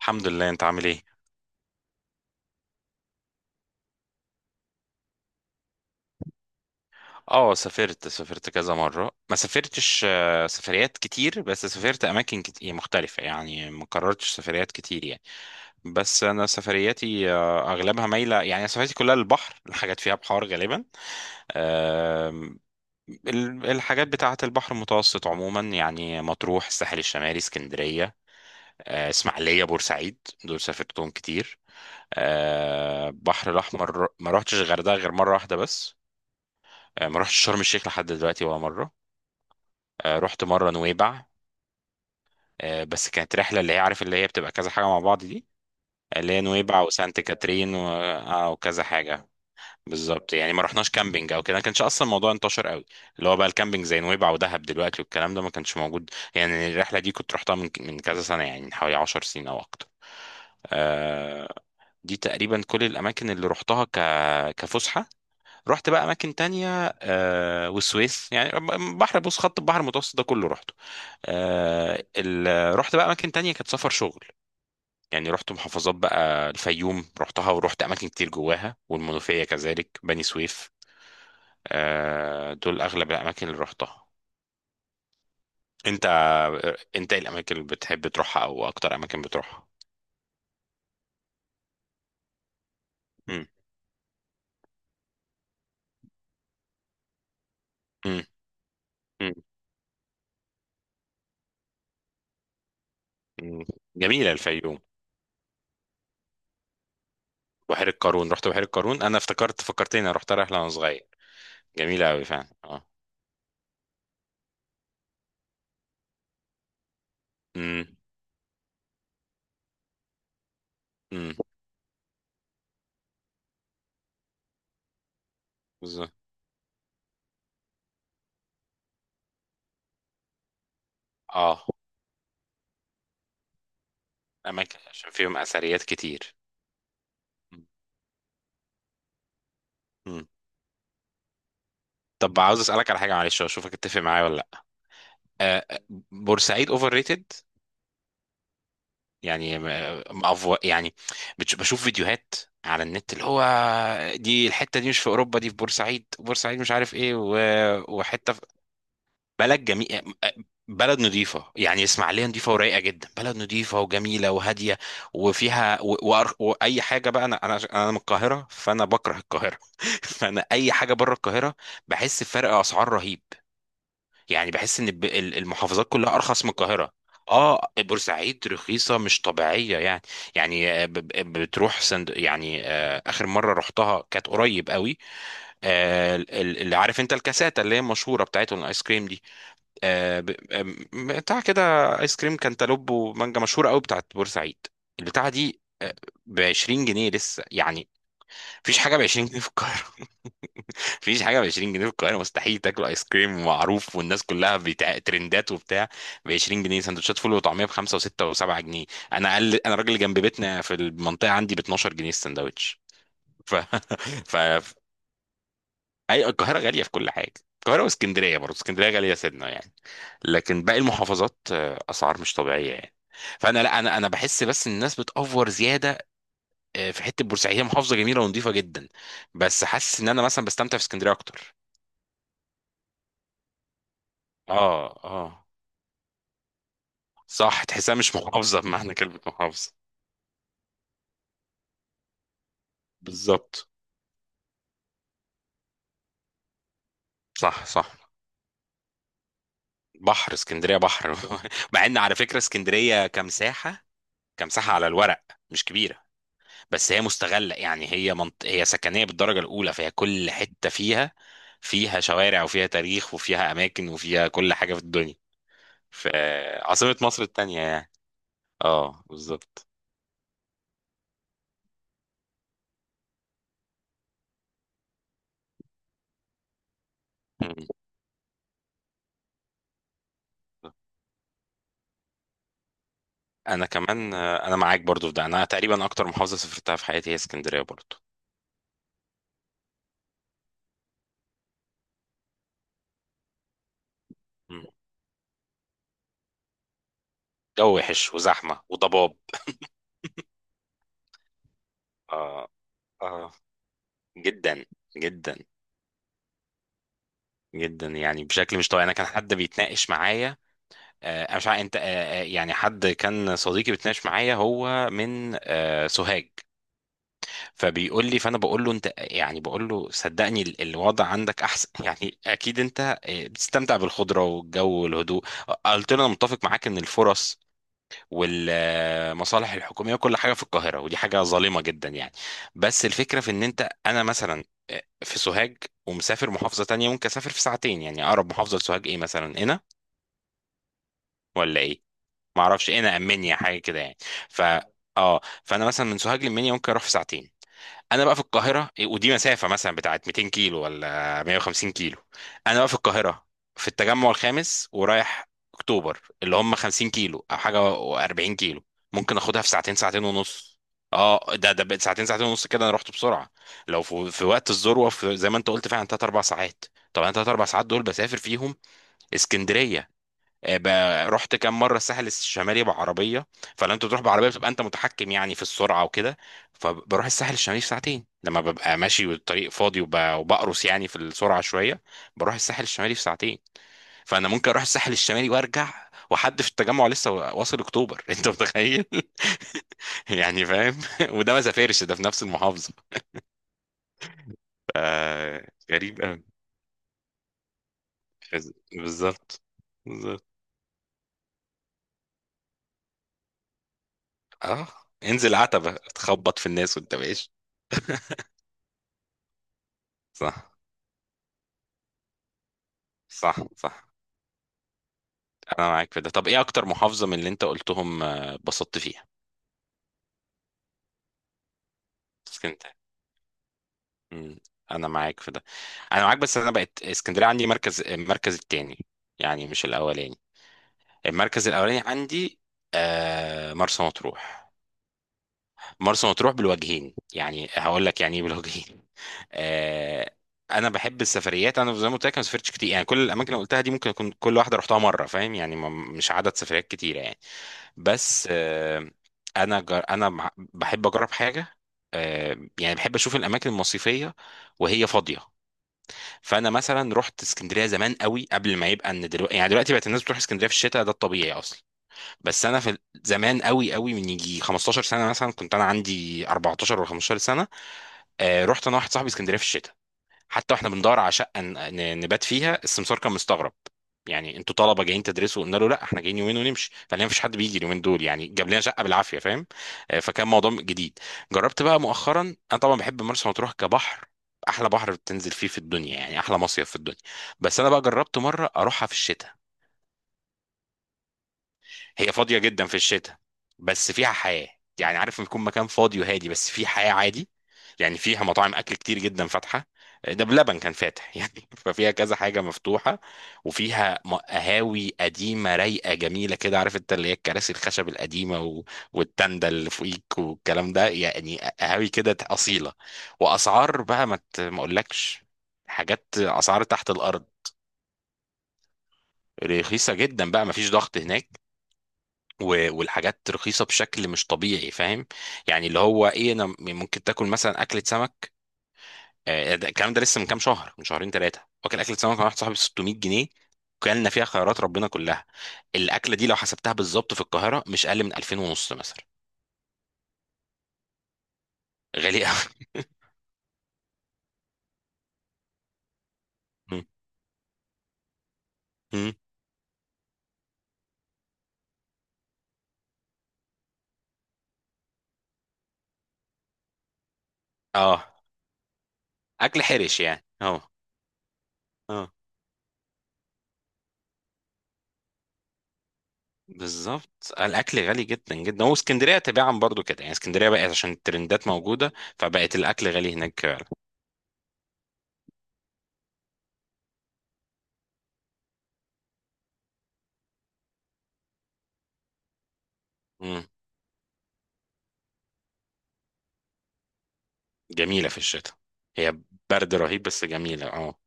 الحمد لله. انت عامل ايه؟ اه، سافرت كذا مرة، ما سافرتش، سفريات كتير، بس سافرت اماكن كتير مختلفة، يعني ما كررتش سفريات كتير يعني. بس انا سفرياتي، اغلبها مايلة يعني، سفرياتي كلها للبحر، الحاجات فيها بحار غالبا. آم، الحاجات بتاعة البحر المتوسط عموما، يعني مطروح، الساحل الشمالي، اسكندرية، اسماعيلية، بورسعيد، دول سافرتهم كتير. البحر الأحمر ما رحتش الغردقة غير مرة واحدة بس. ما رحتش شرم الشيخ لحد دلوقتي ولا مرة. رحت مرة نويبع. بس كانت رحلة اللي هي، عارف، اللي هي بتبقى كذا حاجة مع بعض دي. اللي هي نويبع وسانت كاترين و... آه، وكذا حاجة. بالظبط يعني، ما رحناش كامبينج او كده، ما كانش اصلا الموضوع انتشر قوي، اللي هو بقى الكامبينج زي نويبع ودهب دلوقتي، والكلام ده ما كانش موجود. يعني الرحلة دي كنت رحتها من كذا سنة، يعني من حوالي 10 سنين او اكتر. آه، دي تقريبا كل الاماكن اللي رحتها كفسحة. رحت بقى اماكن تانية، والسويس يعني، بحر، بص خط البحر المتوسط ده كله رحته. آه ال... رحت بقى اماكن تانية كانت سفر شغل، يعني رحت محافظات بقى، الفيوم رحتها، ورحت اماكن كتير جواها، والمنوفية كذلك، بني سويف. آه، دول اغلب الاماكن اللي رحتها. انت، انت ايه الاماكن اللي بتحب تروحها، او اكتر اماكن بتروحها؟ مم. مم. مم. مم. جميلة الفيوم. بحيرة قارون، رحت بحيرة قارون، انا افتكرت، فكرتني، انا رحت رحلة وانا صغير. جميلة قوي فعلا، اه. امم. امم. بالظبط. اه، اماكن عشان فيهم اثريات كتير. مم. طب عاوز اسالك على حاجه، معلش، واشوفك اتفق معايا ولا لا. آه، آه، بورسعيد اوفر ريتد، يعني مأفو يعني. بشوف فيديوهات على النت، اللي هو دي الحته دي مش في اوروبا، دي في بورسعيد. بورسعيد مش عارف ايه، وحته في بلد جميله. بلد نظيفة، يعني اسماعيلية نظيفة ورايقة جدا، بلد نظيفة وجميلة وهادية وفيها وأي حاجة. بقى أنا من القاهرة، فأنا بكره القاهرة فأنا أي حاجة بره القاهرة بحس بفرق أسعار رهيب. يعني بحس ان المحافظات كلها ارخص من القاهره. اه، بورسعيد رخيصه مش طبيعيه يعني. يعني بتروح سند يعني، اخر مره رحتها كانت قريب قوي. اللي، عارف انت، الكاساتا اللي هي مشهوره، بتاعتهم، الايس كريم دي، آه، ب- آم، بتاع كده. ايس كريم كانتالوب ومانجا، مشهوره قوي بتاعت بورسعيد، البتاعه دي ب 20 جنيه لسه يعني. مفيش حاجه ب 20 جنيه في القاهره. مفيش حاجه ب 20 جنيه في القاهره مستحيل، تاكل ايس كريم معروف، والناس كلها بتاع ترندات وبتاع، ب 20 جنيه. سندوتشات فول وطعميه ب 5 و6 و7 جنيه. انا اقل، انا الراجل اللي جنب بيتنا في المنطقه عندي ب 12 جنيه السندوتش. ف ف اي، القاهره غاليه في كل حاجه. القاهره واسكندريه برضه، اسكندريه غاليه سنه يعني، لكن باقي المحافظات، اسعار مش طبيعيه يعني. فانا، لا، انا بحس بس ان الناس بتأفور زياده. في حته، بورسعيد هي محافظه جميله ونظيفه جدا، بس حاسس ان انا مثلا بستمتع في اسكندريه اكتر. اه، اه، صح، تحسها مش محافظة بمعنى كلمة محافظة. بالظبط. صح، صح. بحر اسكندرية، بحر مع ان على فكرة اسكندرية كمساحة، كمساحة على الورق مش كبيرة، بس هي مستغلة، يعني هي هي سكنية بالدرجة الأولى، فهي كل حتة فيها، فيها شوارع، وفيها تاريخ، وفيها أماكن، وفيها كل حاجة في الدنيا في. عاصمة مصر التانية يعني. اه بالظبط. مم. انا كمان، انا معاك برضو في ده، انا تقريبا اكتر محافظة سافرتها في حياتي هي اسكندرية برضو. جو وحش وزحمة وضباب. آه. آه. جدا، جدا، جدا يعني، بشكل مش طبيعي. انا كان حد بيتناقش معايا، أنا مش عارف انت، يعني حد كان صديقي بيتناقش معايا، هو من سوهاج، فبيقول لي، فانا بقول له انت، يعني بقول له صدقني، الوضع عندك احسن يعني اكيد انت بتستمتع بالخضرة والجو والهدوء. قلت له انا متفق معاك ان الفرص والمصالح الحكوميه وكل حاجه في القاهره، ودي حاجه ظالمه جدا يعني. بس الفكره في ان انت، انا مثلا في سوهاج ومسافر محافظه تانية ممكن اسافر في ساعتين، يعني اقرب محافظه لسوهاج ايه مثلا؟ هنا ولا ايه؟ ما اعرفش، هنا، امنيا، حاجه كده يعني. ف، اه، فانا مثلا من سوهاج لمنيا ممكن اروح في ساعتين. انا بقى في القاهره ودي مسافه مثلا بتاعت 200 كيلو ولا 150 كيلو. انا بقى في القاهره، في التجمع الخامس، ورايح اكتوبر، اللي هم 50 كيلو او حاجه، و40 كيلو، ممكن اخدها في ساعتين، ساعتين ونص. اه، ده ده بقت ساعتين، ساعتين ونص كده، انا رحت بسرعه. لو في وقت الذروه، في، زي ما انت قلت فعلا، 3 4 ساعات. طب انا 3 4 ساعات دول بسافر فيهم اسكندريه. آه، ب- رحت كام مره الساحل الشمالي بعربيه، فلما انت بتروح بعربيه بتبقى انت متحكم يعني في السرعه وكده، فبروح الساحل الشمالي في ساعتين لما ببقى ماشي والطريق فاضي، وبقرص يعني في السرعه شويه، بروح الساحل الشمالي في ساعتين. فانا ممكن اروح الساحل الشمالي وارجع، وحد في التجمع لسه واصل اكتوبر انت متخيل يعني فاهم؟ وده ما سافرش، ده في نفس المحافظه. آه غريب قوي. بالظبط. بالظبط، اه. انزل عتبه تخبط في الناس وانت ماشي. صح، صح، صح. انا معاك في ده. طب ايه اكتر محافظة من اللي انت قلتهم، اتبسطت فيها؟ اسكندرية. مم. انا معاك في ده، انا معاك، بس انا بقت اسكندرية عندي مركز، المركز التاني، يعني مش الاولاني. المركز الاولاني عندي مرسى مطروح. مرسى مطروح بالوجهين، يعني هقول لك يعني ايه بالوجهين. آه، انا بحب السفريات. انا زي ما قلت لك، أنا ما سافرتش كتير يعني، كل الاماكن اللي قلتها دي ممكن اكون كل واحده رحتها مره، فاهم يعني، مش عدد سفريات كتيره يعني. بس انا بحب اجرب حاجه، يعني بحب اشوف الاماكن المصيفيه وهي فاضيه. فانا مثلا رحت اسكندريه زمان قوي، قبل ما يبقى ان دلوقتي، يعني دلوقتي بقت الناس بتروح اسكندريه في الشتاء، ده الطبيعي اصلا، بس انا في زمان قوي قوي، من يجي 15 سنه مثلا، كنت انا عندي 14 ولا 15 سنه. رحت انا واحد صاحبي اسكندريه في الشتاء، حتى واحنا بندور على شقه نبات فيها السمسار كان مستغرب، يعني انتوا طلبه جايين تدرسوا؟ قلنا له لا، احنا جايين يومين ونمشي، فقال لنا مفيش حد بيجي اليومين دول يعني، جاب لنا شقه بالعافيه، فاهم. فكان موضوع جديد. جربت بقى مؤخرا، انا طبعا بحب مرسى مطروح كبحر، احلى بحر بتنزل فيه في الدنيا يعني، احلى مصيف في الدنيا، بس انا بقى جربت مره اروحها في الشتاء. هي فاضية جدا في الشتاء بس فيها حياة، يعني عارف لما يكون مكان فاضي وهادي بس فيه حياة عادي، يعني فيها مطاعم أكل كتير جدا فاتحة، ده بلبن كان فاتح يعني ففيها كذا حاجة مفتوحة، وفيها قهاوي قديمة رايقة جميلة كده، عارف انت، اللي هي الكراسي الخشب القديمة والتندة اللي فوقيك والكلام ده، يعني قهاوي كده أصيلة. وأسعار بقى، ما أقولكش، حاجات، أسعار تحت الأرض. رخيصة جدا بقى، مفيش ضغط هناك، والحاجات رخيصة بشكل مش طبيعي، فاهم. يعني اللي هو ايه، انا ممكن تاكل مثلا اكلة سمك، الكلام ده لسه من كام شهر، من شهرين ثلاثة، واكل اكلة سمك مع واحد صاحبي ب 600 جنيه، كلنا فيها خيرات ربنا كلها. الاكلة دي لو حسبتها بالظبط في القاهرة مش اقل من 2000 ونص مثلا. غالي قوي. مم. مم. اه، اكل حرش يعني، اه. اه، بالظبط، الاكل غالي جدا جدا. واسكندريه تباعا برضو كده يعني، اسكندريه بقت عشان الترندات موجوده، فبقت الاكل غالي هناك فعلا. جميلة في الشتاء، هي برد رهيب بس جميلة، اه.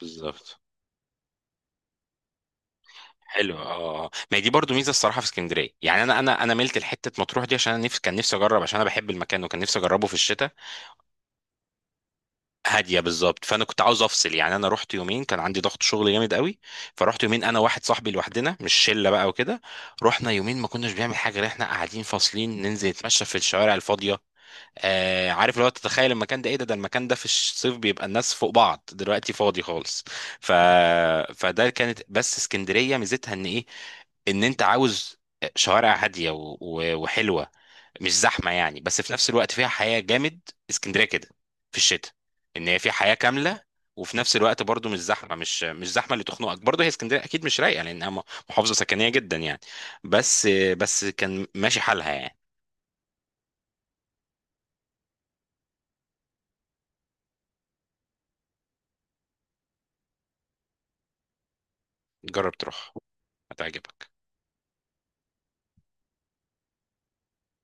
بالظبط. حلو، اه، ما هي دي برضو ميزه الصراحه في اسكندريه، يعني انا ملت لحته مطروح دي، عشان انا نفسي، كان نفسي اجرب، عشان انا بحب المكان وكان نفسي اجربه في الشتاء. هاديه، بالظبط. فانا كنت عاوز افصل، يعني انا رحت يومين، كان عندي ضغط شغل جامد قوي، فرحت يومين انا واحد صاحبي لوحدنا، مش شله بقى وكده. رحنا يومين ما كناش بنعمل حاجه غير احنا قاعدين فاصلين، ننزل نتمشى في الشوارع الفاضيه. آه، عارف لو تتخيل المكان ده ايه، ده ده المكان ده في الصيف بيبقى الناس فوق بعض، دلوقتي فاضي خالص. ف... فده كانت، بس اسكندرية ميزتها ان ايه؟ ان انت عاوز شوارع هادية وحلوة، مش زحمة يعني، بس في نفس الوقت فيها حياة جامد. اسكندرية كده في الشتاء، ان هي فيها حياة كاملة، وفي نفس الوقت برضو مش زحمه، مش زحمه اللي تخنقك. برضو هي اسكندريه اكيد مش رايقه، لانها محافظه سكنيه جدا يعني. بس بس كان ماشي حالها يعني. جرب تروح، هتعجبك.